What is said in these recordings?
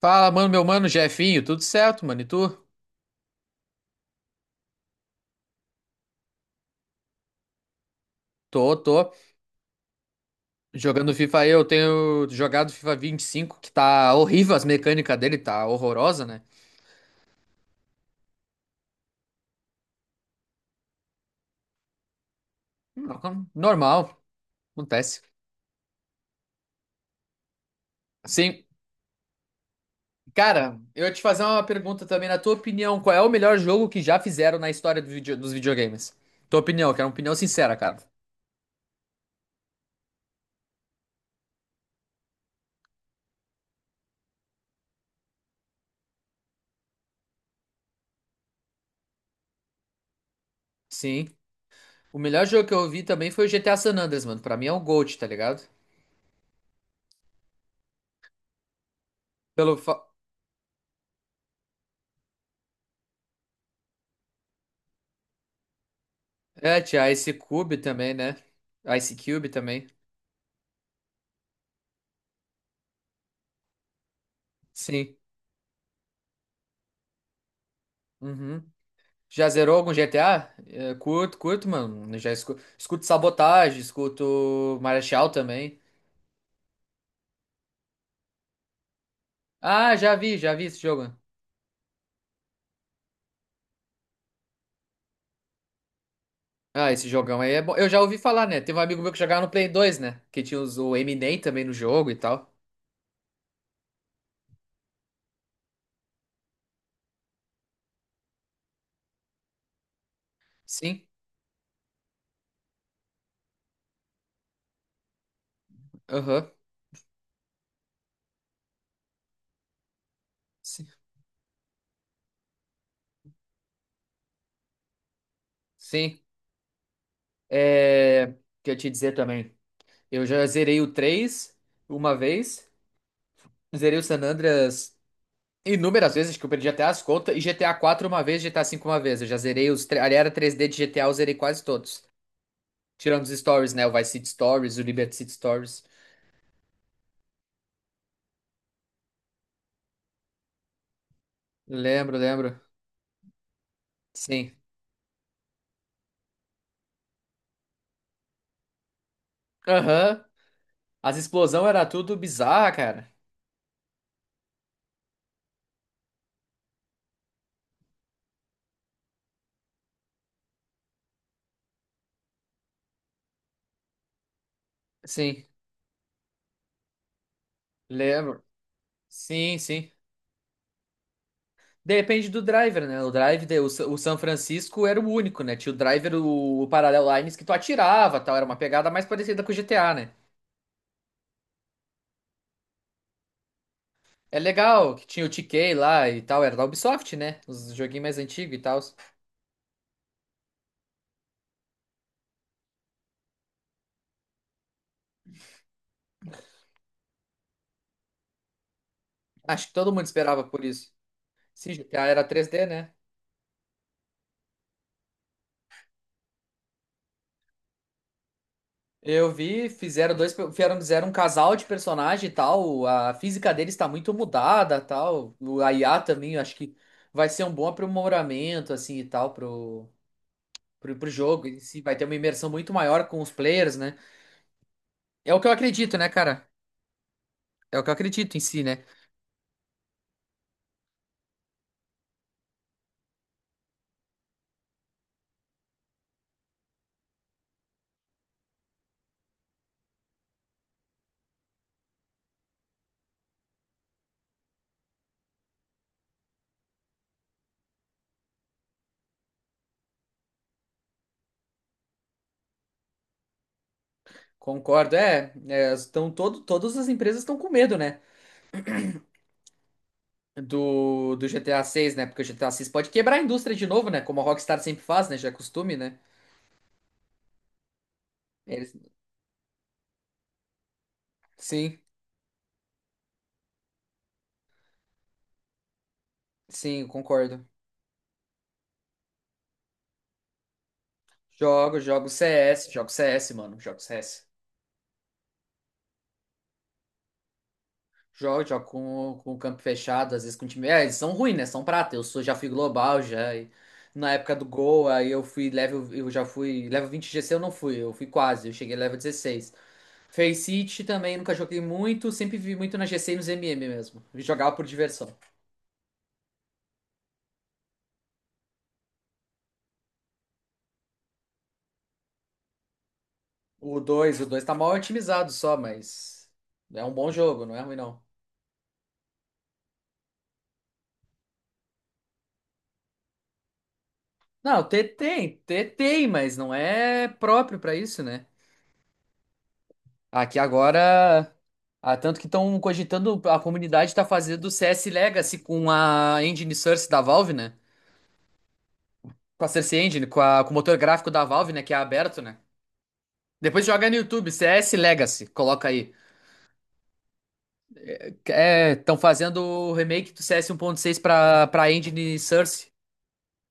Fala, mano, meu mano, Jefinho, tudo certo, mano? E tu? Tô, tô. Jogando FIFA aí, eu tenho jogado FIFA 25 que tá horrível as mecânicas dele, tá horrorosa, né? Hum, Normal, acontece. Sim, cara, eu ia te fazer uma pergunta também, na tua opinião, qual é o melhor jogo que já fizeram na história dos videogames? Tua opinião, quero uma opinião sincera, cara. Sim. O melhor jogo que eu vi também foi o GTA San Andreas, mano. Pra mim é um GOAT, tá ligado? Pelo fa... É, tinha Ice Cube também, né? Ice Cube também. Sim. Uhum. Já zerou algum GTA? É, curto, curto, mano. Eu já escuto Sabotagem, escuto Marechal também. Ah, já vi esse jogo. Ah, esse jogão aí é bom. Eu já ouvi falar, né? Teve um amigo meu que jogava no Play 2, né? Que tinha os, o Eminem também no jogo e tal. Sim, aham. Sim. Sim. O que eu ia te dizer também. Eu já zerei o 3 uma vez. Zerei o San Andreas inúmeras vezes que eu perdi até as contas, e GTA 4 uma vez, GTA 5 uma vez. Eu já zerei ali era 3D de GTA, eu zerei quase todos. Tirando os stories, né? O Vice City Stories, o Liberty City Stories. Lembro, lembro. Sim. Aham. As explosões era tudo bizarra, cara. Sim, lembro. Sim, sim. Depende do driver, né? O drive, de- o, Sa- o San Francisco era o único, né? Tinha o driver, o Parallel Lines que tu atirava, tal. Era uma pegada mais parecida com o GTA, né? É legal que tinha o TK lá e tal, era da Ubisoft, né? Os joguinhos mais antigos e tal. Acho que todo mundo esperava por isso. Sim, GTA era 3D, né? Eu vi, fizeram dois, fizeram, fizeram um casal de personagem e tal. A física deles está muito mudada, tal. O I a também, eu acho que vai ser um bom aprimoramento assim e tal pro jogo em si, vai ter uma imersão muito maior com os players, né? É o que eu acredito, né, cara? É o que eu acredito em si, né? Concordo, estão todas as empresas estão com medo, né? Do GTA 6, né? Porque o GTA 6 pode quebrar a indústria de novo, né? Como a Rockstar sempre faz, né? Já é costume, né? Eles... Sim, sim, eu concordo. Jogo, jogo CS, jogo CS, mano, jogo CS. Jogo com o campo fechado, às vezes com o time. É, eles são ruins, né? São prata. Eu sou, já fui global, já. E na época do Gol, aí eu fui level, eu já fui. Level 20 GC eu não fui, eu fui quase, eu cheguei level 16. Face City também nunca joguei muito, sempre vi muito na GC e nos MM mesmo. Jogava por diversão. O dois tá mal otimizado só, mas é um bom jogo, não é ruim não. Não, T tem, mas não é próprio pra isso, né? Aqui agora, tanto que estão cogitando, a comunidade tá fazendo o CS Legacy com a engine source da Valve, né? Com a Source Engine, com o motor gráfico da Valve, né, que é aberto, né? Depois joga no YouTube, CS Legacy, coloca aí. É, estão fazendo o remake do CS 6 pra, pra engine source.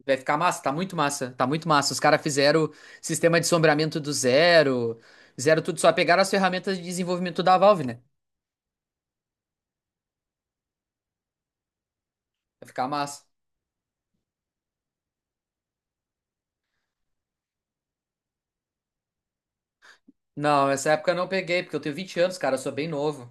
Vai ficar massa, tá muito massa, tá muito massa. Os caras fizeram sistema de sombreamento do zero, fizeram tudo, só pegaram as ferramentas de desenvolvimento da Valve, né? Vai ficar massa. Não, essa época eu não peguei, porque eu tenho 20 anos, cara, eu sou bem novo.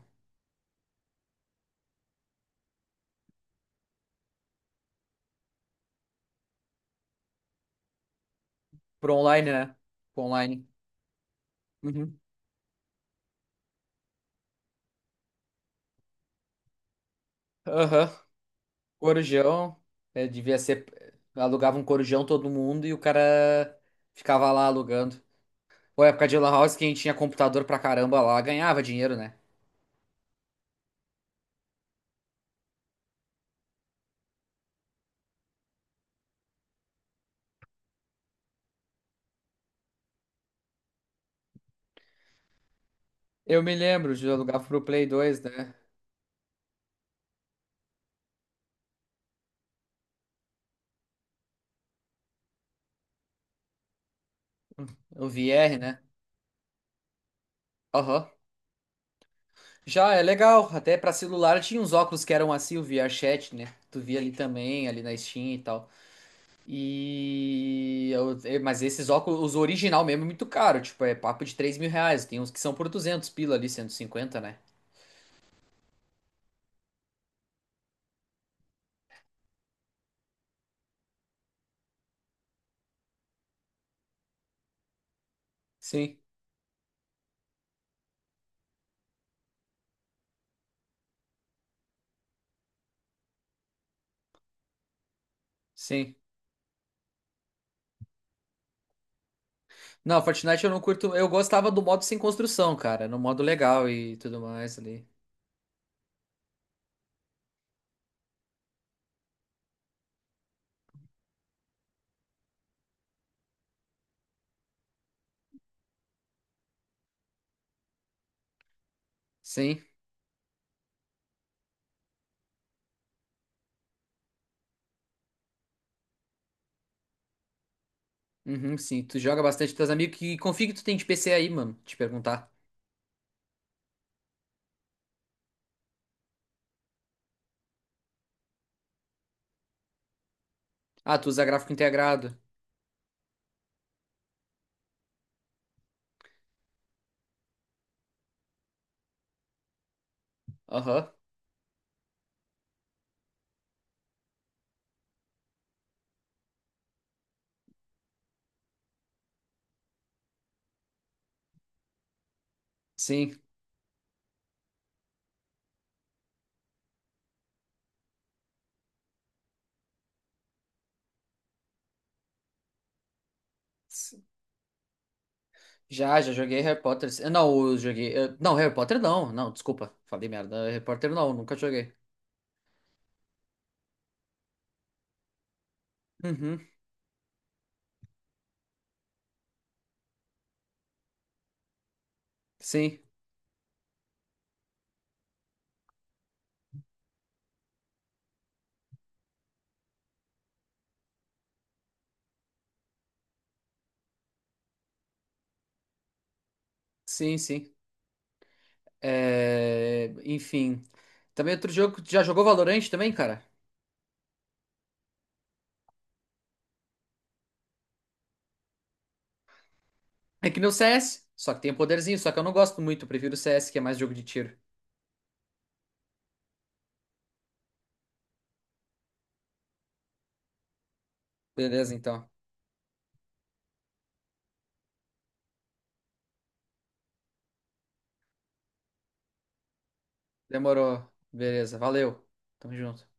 Pro online, né? Pro online. Uhum. Aham. Corujão, é, devia ser. Alugava um corujão todo mundo e o cara ficava lá alugando. Pô, época de Lan House, quem tinha computador pra caramba lá ganhava dinheiro, né? Eu me lembro de alugar pro Play 2, né? O VR, né? Aham. Já é legal, até pra celular tinha uns óculos que eram assim, o VRChat, né? Tu via ali também, ali na Steam e tal. É, mas esses óculos, os original mesmo é muito caro, tipo, é papo de R$ 3.000. Tem uns que são por 200 pila ali, 150 né? Sim, sim. Não, Fortnite eu não curto, eu gostava do modo sem construção, cara, no modo legal e tudo mais ali. Sim, uhum, sim. Tu joga bastante com teus amigos, que config tu tem de PC aí, mano? Te perguntar. Ah, tu usa gráfico integrado. Aham, sim. Já, já joguei Harry Potter. Eu não, eu joguei. Não, Harry Potter não. Não, desculpa. Falei merda. Harry Potter não, nunca joguei. Uhum. Sim, sim, sim. Enfim. Também outro jogo. Já jogou Valorant também, cara? É que nem o CS. Só que tem o poderzinho, só que eu não gosto muito. Eu prefiro o CS, que é mais jogo de tiro. Beleza, então. Demorou. Beleza, valeu. Tamo junto.